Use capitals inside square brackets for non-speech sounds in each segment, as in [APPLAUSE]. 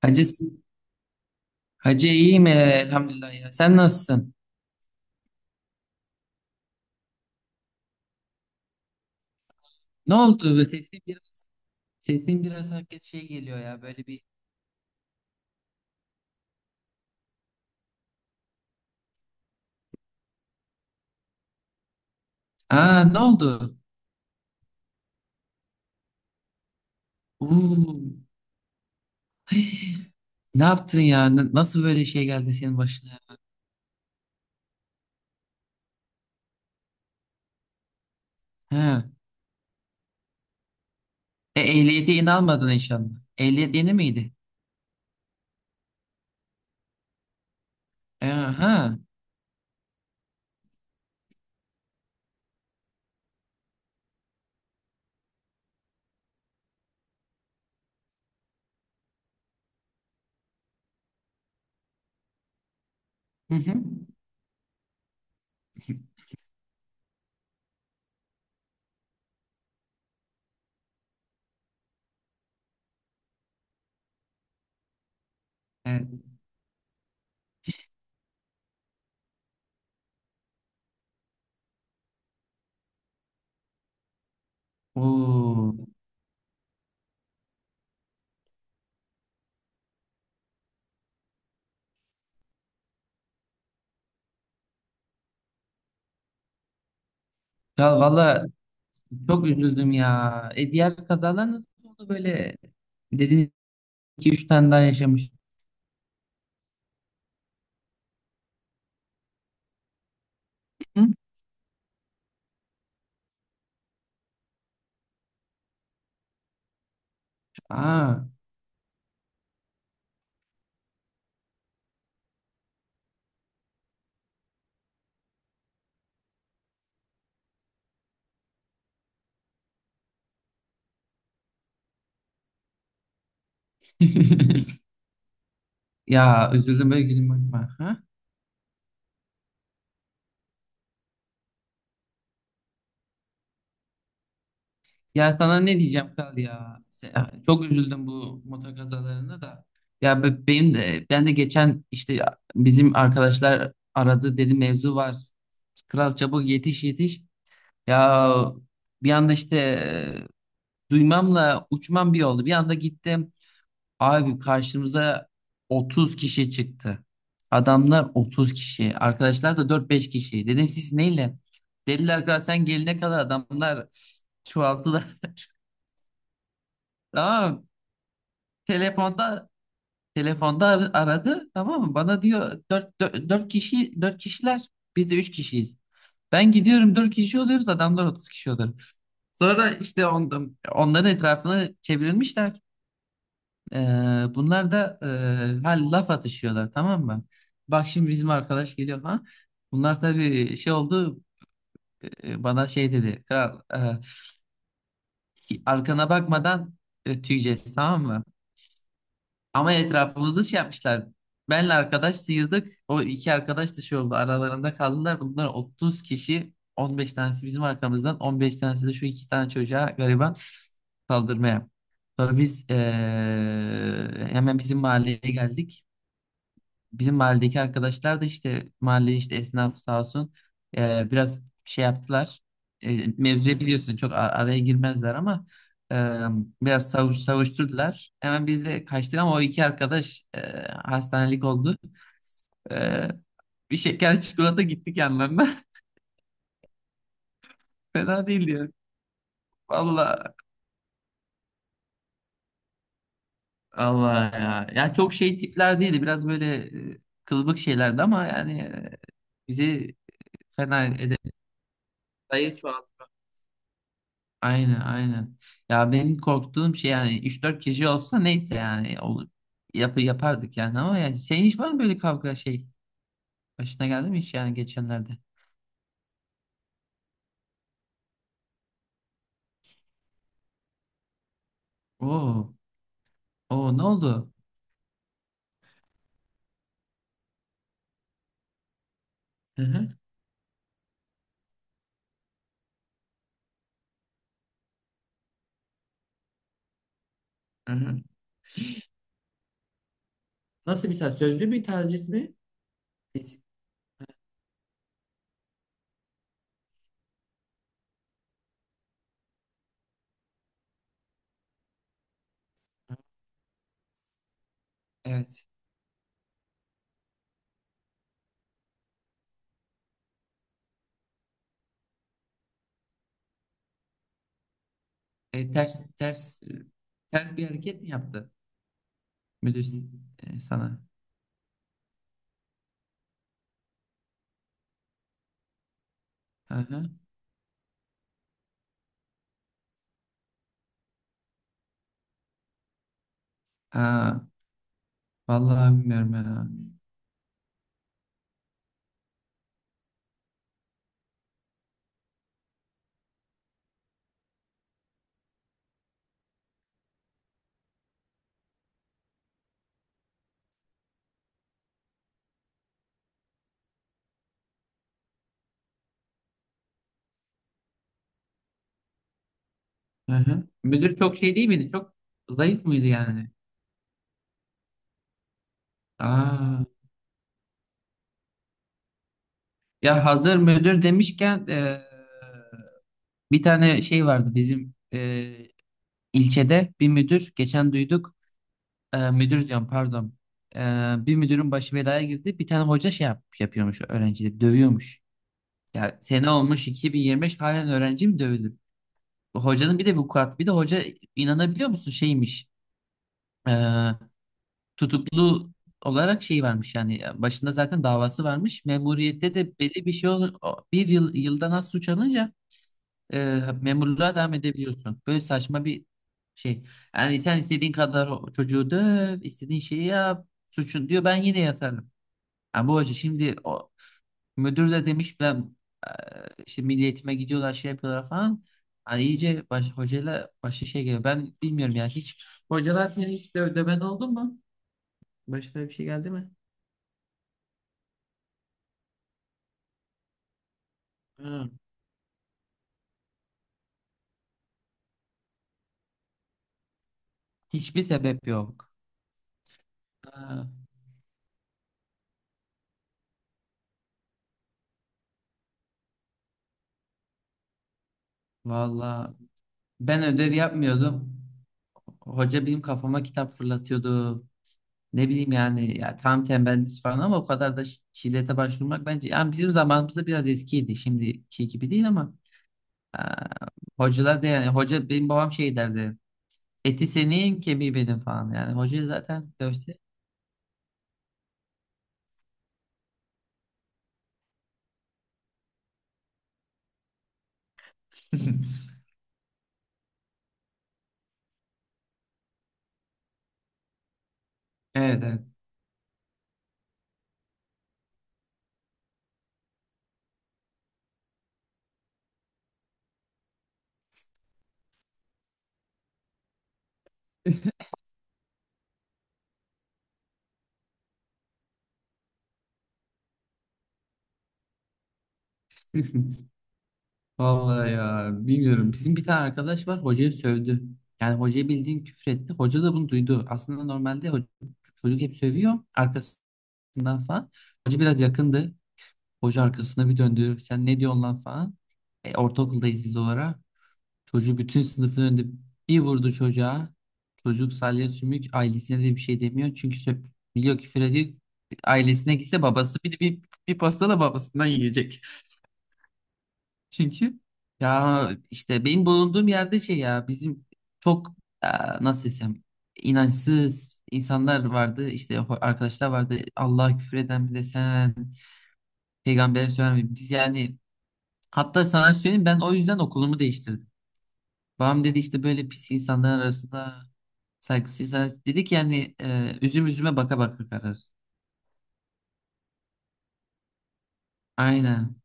Hacı, Hacı iyiyim, elhamdülillah ya. Sen nasılsın? Ne oldu? Sesin biraz hakikaten şey geliyor ya böyle bir. Aa, ne oldu? Oo. [GASPS] Ne yaptın ya? Nasıl böyle şey geldi senin başına, ya? Ha. Ehliyeti yeni almadın inşallah. Ehliyet yeni miydi? Aha ha. Hı hı. [LAUGHS] Evet. Oo. Ya valla, çok üzüldüm ya. Diğer kazalar nasıl oldu böyle? Dedin iki üç tane daha yaşamış. Hı? Aa. [LAUGHS] Ya üzüldüm böyle gülüm, bakma. Ha? Ya sana ne diyeceğim kal ya. Çok üzüldüm bu motor kazalarına da. Ya, ben de geçen işte bizim arkadaşlar aradı, dedi mevzu var. Kral, çabuk yetiş yetiş. Ya bir anda işte, duymamla uçmam bir oldu. Bir anda gittim. Abi karşımıza 30 kişi çıktı. Adamlar 30 kişi. Arkadaşlar da dört beş kişi. Dedim siz neyle? Dediler ki sen gelene kadar adamlar çoğaldılar. [LAUGHS] Tamam mı? Telefonda telefonda aradı. Tamam mı? Bana diyor dört dört dört kişi, 4 kişiler. Biz de 3 kişiyiz. Ben gidiyorum 4 kişi oluyoruz. Adamlar 30 kişi oluyor. Sonra işte onların etrafını çevrilmişler. Bunlar da laf atışıyorlar, tamam mı? Bak şimdi bizim arkadaş geliyor, ha. Bunlar tabii şey oldu, bana şey dedi. Kral, arkana bakmadan, tüyeceğiz, tamam mı? Ama etrafımızı şey yapmışlar. Benle arkadaş sıyırdık. O iki arkadaş da şey oldu, aralarında kaldılar. Bunlar 30 kişi. 15 tanesi bizim arkamızdan, 15 tanesi de şu iki tane çocuğa, gariban, saldırmaya. Sonra biz, hemen bizim mahalleye geldik. Bizim mahalledeki arkadaşlar da işte, mahalle işte, esnaf sağ olsun, biraz şey yaptılar. Mevzuya biliyorsun çok araya girmezler ama, e, biraz savuşturdular. Hemen biz de kaçtık ama o iki arkadaş, hastanelik oldu. E, Bir şeker çikolata gittik yanlarına. [LAUGHS] Fena değildi ya. Valla. Allah ya. Ya çok şey tipler değildi. Biraz böyle, e, kılıbık şeylerdi ama yani, bizi fena edemedi. Sayı çoğaldı. Aynen, aynen. Ya benim korktuğum şey, yani üç dört kişi olsa neyse, yani olur. Yap yapardık yani, ama yani senin hiç var mı böyle kavga şey? Başına geldi mi hiç, yani geçenlerde? Oo. Oo, ne oldu? Hı hı. Hı hı. Nasıl bir taciz? Sözlü bir taciz mi? Biz- Evet. Ters ters bir hareket mi yaptı müdür, sana? Hı hı. Ha, vallahi bilmiyorum ya. Hı hı. Müdür çok şey değil miydi? Çok zayıf mıydı yani? Aa. Ya hazır müdür demişken, bir tane şey vardı bizim, ilçede bir müdür geçen duyduk. Müdür diyorum, pardon. Bir müdürün başı belaya girdi, bir tane hoca şey yapıyormuş, öğrencileri dövüyormuş. Ya sene olmuş 2025, halen öğrenci mi dövülür? Hocanın bir de vukuat, bir de hoca inanabiliyor musun şeymiş, eee, tutuklu olarak şey varmış, yani başında zaten davası varmış. Memuriyette de belli bir şey olur, bir yıl, yıldan az suç alınca, memurluğa devam edebiliyorsun. Böyle saçma bir şey. Yani sen istediğin kadar o çocuğu döv, istediğin şeyi yap, suçun diyor ben yine yatarım. Yani bu hoca şimdi o müdür de demiş, ben, e, işte milliyetime gidiyorlar şey yapıyorlar falan. Hani iyice baş, hocayla başka şey geliyor. Ben bilmiyorum yani hiç. Hocalar seni hiç de ödemen oldu mu? Başına bir şey geldi mi? Hı. Hiçbir sebep yok. Ha. Valla ben ödev yapmıyordum. Hoca benim kafama kitap fırlatıyordu. Ne bileyim yani, ya tam tembellik falan, ama o kadar da şiddete başvurmak bence yani bizim zamanımızda biraz eskiydi, şimdiki gibi değil ama, e, hocalar da yani hoca, benim babam şey derdi, eti senin kemiği benim falan, yani hoca zaten dövse. [LAUGHS] Evet, evet. [LAUGHS] Vallahi ya, bilmiyorum. Bizim bir tane arkadaş var, hocayı sövdü. Yani hocayı bildiğin küfür etti. Hoca da bunu duydu. Aslında normalde çocuk hep sövüyor arkasından falan. Hoca biraz yakındı. Hoca arkasına bir döndü. Sen ne diyorsun lan falan. Ortaokuldayız biz olarak. Çocuğu bütün sınıfın önünde bir vurdu çocuğa. Çocuk salya sümük, ailesine de bir şey demiyor. Çünkü söp biliyor, küfür ediyor. Ailesine gitse babası bir pasta da babasından yiyecek. [LAUGHS] Çünkü ya işte benim bulunduğum yerde şey, ya bizim çok, e, nasıl desem, inançsız insanlar vardı. İşte arkadaşlar vardı. Allah'a küfür eden, bize sen peygambere söylemeyin. Biz yani, hatta sana söyleyeyim, ben o yüzden okulumu değiştirdim. Babam dedi işte böyle pis insanlar arasında saygısız insan- dedi ki yani, üzüm üzüme baka baka karar. Aynen.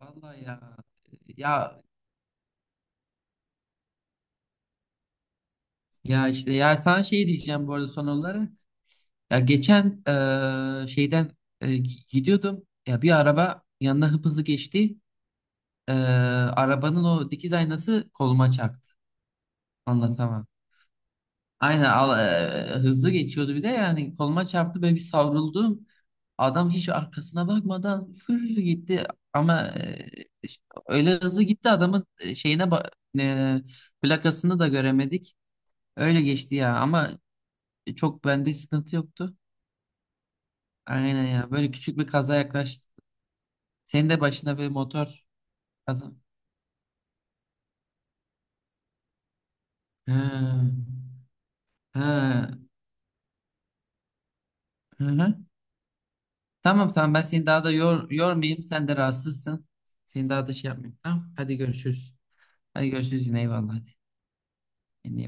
Vallahi ya. Ya ya işte, ya sana şey diyeceğim bu arada son olarak. Ya geçen, şeyden, e, gidiyordum. Ya bir araba yanına hıp hızlı geçti. Arabanın o dikiz aynası koluma çarptı. Anlatamam. Aynen, hızlı geçiyordu bir de, yani koluma çarptı ve bir savruldum. Adam hiç arkasına bakmadan fır gitti, ama, e, ş- öyle hızlı gitti adamın, şeyine e, plakasını da göremedik. Öyle geçti ya, ama çok bende sıkıntı yoktu. Aynen ya, böyle küçük bir kaza yaklaştı. Senin de başına bir motor kaza. Ha. Ha. Hı hı. Tamam, tamam, ben seni daha da yormayayım. Sen de rahatsızsın. Seni daha da şey yapmayayım. Tamam, hadi görüşürüz. Hadi görüşürüz yine, eyvallah, hadi. Kendine iyi bak.